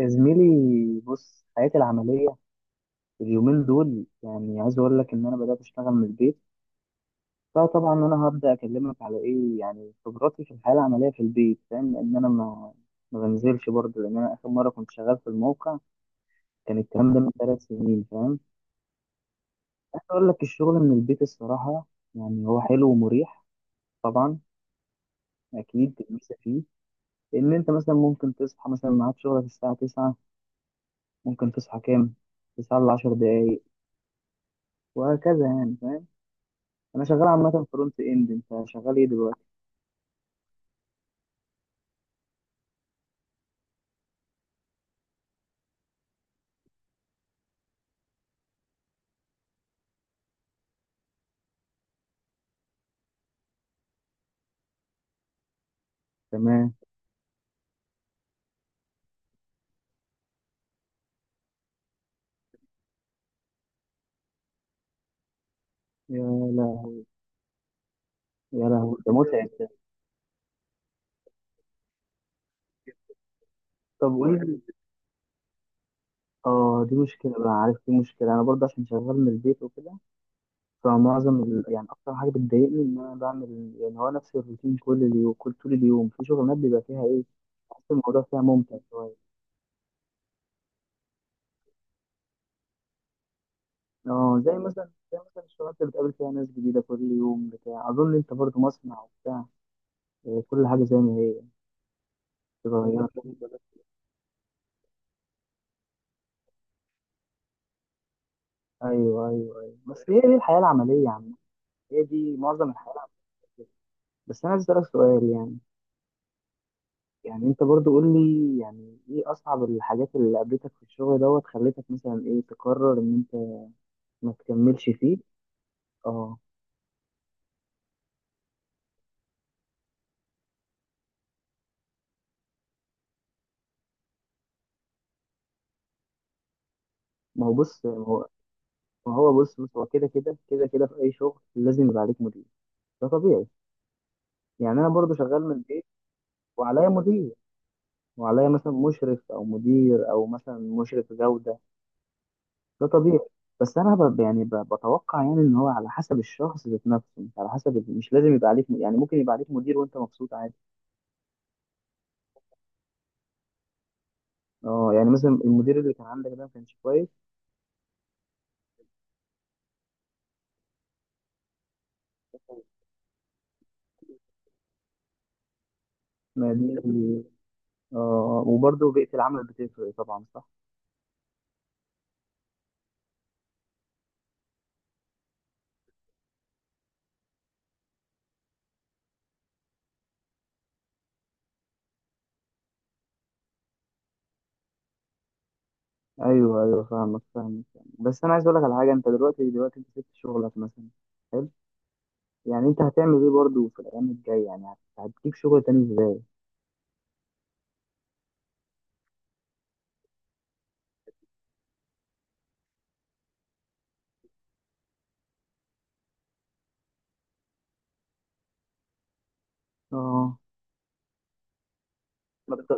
يا زميلي، بص. حياتي العملية اليومين دول، يعني عايز أقول لك إن أنا بدأت أشتغل من البيت. فطبعا أنا هبدأ أكلمك على إيه، يعني خبراتي في الحياة العملية في البيت، فاهم؟ لأن أنا ما بنزلش برضه، لأن أنا آخر مرة كنت شغال في الموقع كان الكلام ده من 3 سنين، فاهم؟ عايز أقول لك، الشغل من البيت الصراحة يعني هو حلو ومريح. طبعا أكيد الميزة فيه إن أنت مثلا ممكن تصحى، مثلا ميعاد شغلك الساعة 9، ممكن تصحى كام؟ 9 ل 10 دقايق، وهكذا يعني. انا شغال عامه فرونت اند، انت شغال ايه دلوقتي؟ تمام. يا لا. يا لهوي، ده متعب ده. طب قول لي. اه، دي مشكله بقى، عارف؟ دي مشكله انا برضه عشان شغال من البيت وكده. فمعظم يعني اكتر حاجه بتضايقني ان انا بعمل، يعني هو نفس الروتين كل اليوم، كل طول اليوم. في شغلانات بيبقى فيها ايه، بحس الموضوع فيها ممتع شويه. اه، زي مثلا الشغلات اللي بتقابل فيها ناس جديده كل يوم، بتاع، اظن انت برضه مصنع وبتاع. آه، كل حاجه زي ما هي. بتتغير. ايوه ايوه ايوه، بس هي دي الحياه العمليه عامه. هي دي معظم الحياة على فكرة. بس أنا عايز أسألك سؤال. يعني أنت برضو قول لي، يعني إيه أصعب الحاجات اللي قابلتك في الشغل دوت خلتك مثلا إيه تقرر إن أنت ما تكملش فيه؟ أه. ما هو بص ما هو ما هو بص بص هو كده كده، في أي شغل لازم يبقى عليك مدير، ده طبيعي. يعني أنا برضو شغال من البيت وعليا مدير، وعليا مثلا مشرف أو مدير أو مثلا مشرف جودة. ده طبيعي. بس انا يعني بتوقع، يعني ان هو على حسب الشخص ذات نفسه، مش على حسب، مش لازم يبقى عليك يعني ممكن يبقى عليك مدير وانت مبسوط عادي. اه، يعني مثلا المدير اللي كان عندك ده ما كانش كويس؟ ما دي، اه، وبرضه بيئة العمل بتفرق طبعا، صح. ايوه ايوه، فاهمك فاهمك يعني. بس انا عايز اقول لك على حاجه. انت دلوقتي انت سبت شغلك مثلا؟ حلو. يعني انت هتعمل ايه برضه في الايام الجايه، يعني هتجيب شغل تاني ازاي؟ اه، ما بت-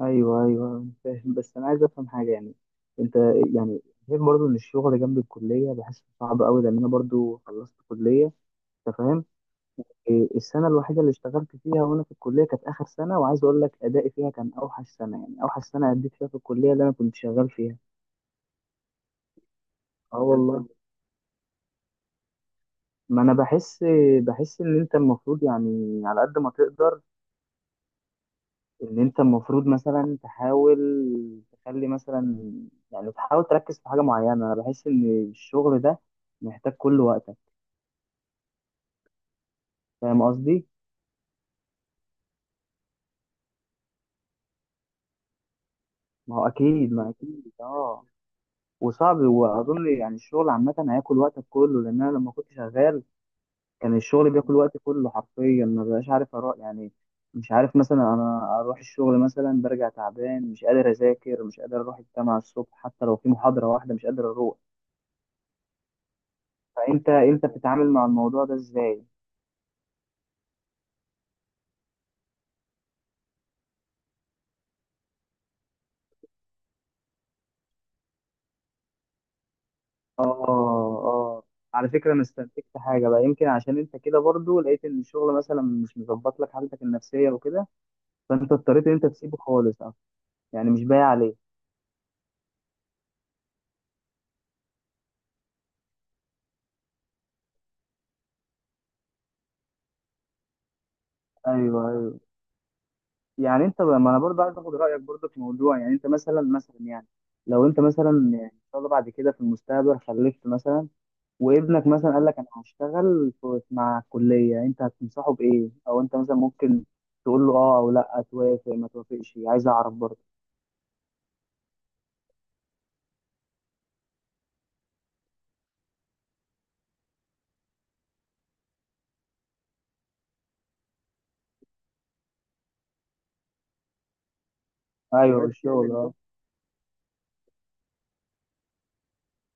ايوه ايوه أنا فاهم. بس انا عايز افهم حاجه يعني. انت، يعني، غير برضو ان الشغل جنب الكليه بحسه صعب قوي لان انا برضو خلصت كليه، انت فاهم؟ إيه، السنه الوحيده اللي اشتغلت فيها وانا في الكليه كانت اخر سنه، وعايز اقول لك ادائي فيها كان اوحش سنه، يعني اوحش سنه اديت فيها في الكليه اللي انا كنت شغال فيها. اه والله. ما انا بحس ان انت المفروض يعني على قد ما تقدر، ان انت المفروض مثلا تحاول تخلي مثلا، يعني تحاول تركز في حاجه معينه. انا بحس ان الشغل ده محتاج كل وقتك، فاهم قصدي؟ ما هو اكيد، ما اكيد، اه. وصعب، واظن يعني الشغل عامه هياكل وقتك كله، لان انا لما كنت شغال كان الشغل بياكل وقتي كله حرفيا، ما بقاش عارف اروح يعني. مش عارف مثلا انا اروح الشغل، مثلا برجع تعبان مش قادر اذاكر، مش قادر اروح الجامعه الصبح حتى لو في محاضره واحده، مش قادر اروح. فانت بتتعامل مع الموضوع ده ازاي؟ اه اه. على فكرة انا استنتجت حاجة بقى، يمكن عشان انت كده برضو لقيت ان الشغل مثلا مش مظبط لك حالتك النفسية وكده، فانت اضطريت ان انت تسيبه خالص أصلاً، يعني مش بايع عليه. ايوه ايوه. يعني انت بقى، ما انا برضو عايز اخد رأيك برضو في موضوع. يعني انت مثلا يعني، لو انت مثلا، يعني ان شاء الله بعد كده في المستقبل خلفت مثلا، وابنك مثلا قال لك انا هشتغل مع الكلية، انت هتنصحه بايه، او انت مثلا ممكن تقول له اه او لا، توافق ما توافقش؟ عايز اعرف برضو. ايوه الشغل، اه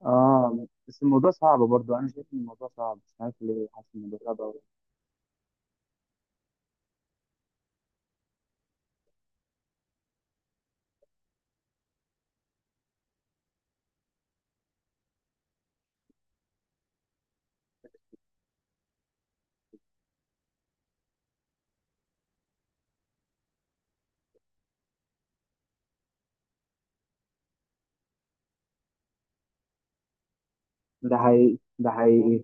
اه. بس الموضوع صعب برضو، انا شايف ان الموضوع صعب، مش عارف ليه، حاسس ان الموضوع صعب أوي. ده حقيقي، ده حقيقي.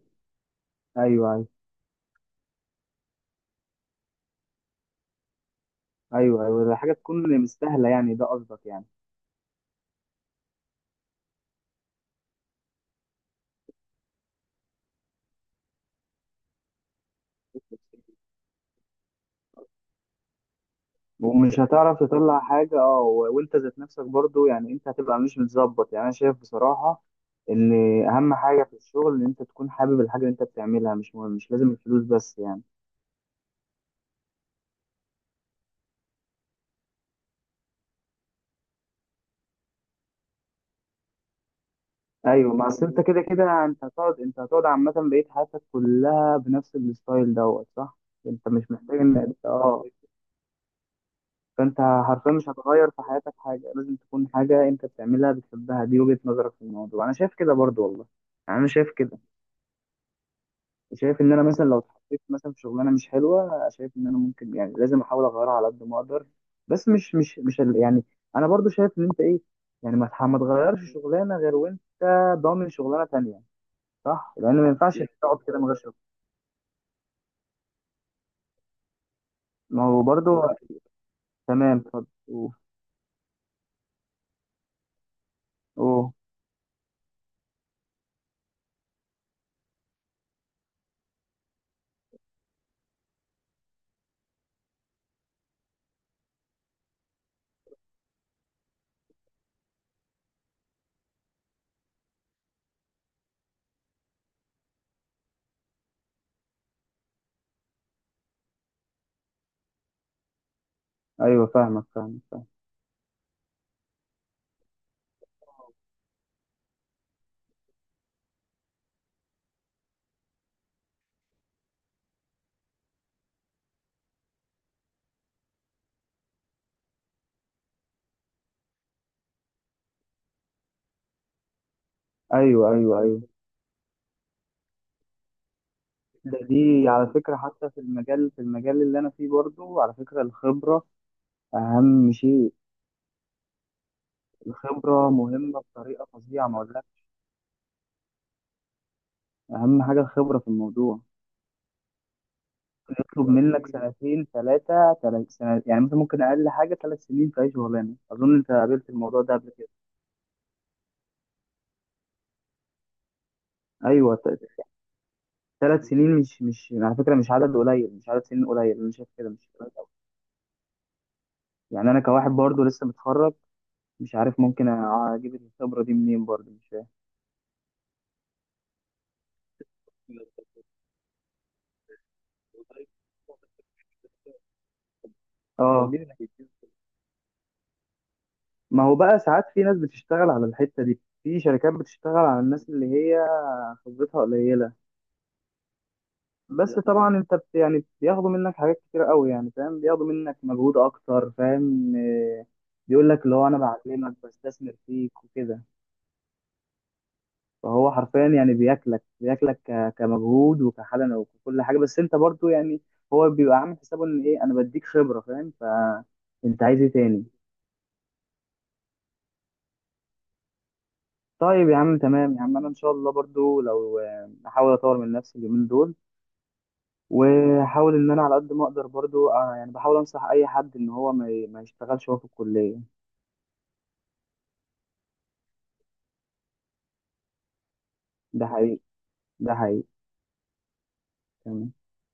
ايوه ايوه ايوه ايوه، ده حاجه تكون مستاهله يعني، ده قصدك يعني؟ ومش هتعرف تطلع حاجه، اه، وانت ذات نفسك برضو، يعني انت هتبقى مش متظبط. يعني انا شايف بصراحه ان اهم حاجه في الشغل ان انت تكون حابب الحاجه اللي انت بتعملها، مش مهم مش لازم الفلوس بس يعني. ايوه. ما اصل انت كده كده، انت هتقعد عامه بقيت حياتك كلها بنفس الستايل دوت، صح؟ انت مش محتاج ان فانت حرفيا مش هتغير في حياتك حاجه، لازم تكون حاجه انت بتعملها بتحبها. دي وجهه نظرك في الموضوع، انا شايف كده برضو والله. يعني انا شايف كده، شايف ان انا مثلا لو اتحطيت مثلا في شغلانه مش حلوه، شايف ان انا ممكن، يعني لازم احاول اغيرها على قد ما اقدر. بس مش يعني انا برضو شايف ان انت ايه، يعني ما تغيرش شغلانه غير وانت ضامن شغلانه تانية. صح، لان ما ينفعش تقعد كده من غير شغل. ما هو برضو، تمام، اتفضل. اوه. أوه. ايوه فاهمك فاهمك فاهم. ايوه ايوه ايوه. دي على فكره، حتى في المجال اللي انا فيه برضو، على فكره الخبره اهم شيء. الخبره مهمه بطريقه فظيعه، ما اقولكش، اهم حاجه الخبره في الموضوع. يطلب منك سنتين، ثلاثه 3 سنة يعني، مثلا ممكن اقل حاجه 3 سنين في اي شغلانه. اظن انت قابلت الموضوع ده قبل كده. ايوه. 3 سنين مش على فكره مش عدد قليل، مش عدد سنين قليل، انا شايف كده مش قليل أوي. يعني انا كواحد برضو لسه متخرج، مش عارف ممكن اجيب الخبره دي منين برضو، مش فاهم. اه. ما هو بقى، ساعات في ناس بتشتغل على الحته دي، في شركات بتشتغل على الناس اللي هي خبرتها قليله. بس طبعا انت يعني بياخدوا منك حاجات كتير قوي، يعني فاهم، بياخدوا منك مجهود اكتر، فاهم إيه، بيقول لك اللي هو انا بعلمك، بستثمر فيك وكده. فهو حرفيا يعني بياكلك كمجهود وكحاله وكل حاجه، بس انت برضو يعني هو بيبقى عامل حسابه ان ايه، انا بديك خبره، فاهم؟ فانت عايز ايه تاني؟ طيب يا عم، تمام يا عم. انا ان شاء الله برضو لو احاول اطور من نفسي اليومين دول، واحاول ان انا على قد ما اقدر برضو، يعني بحاول انصح اي حد ان هو ما يشتغلش وهو في الكليه. ده حقيقي، ده حقيقي. تمام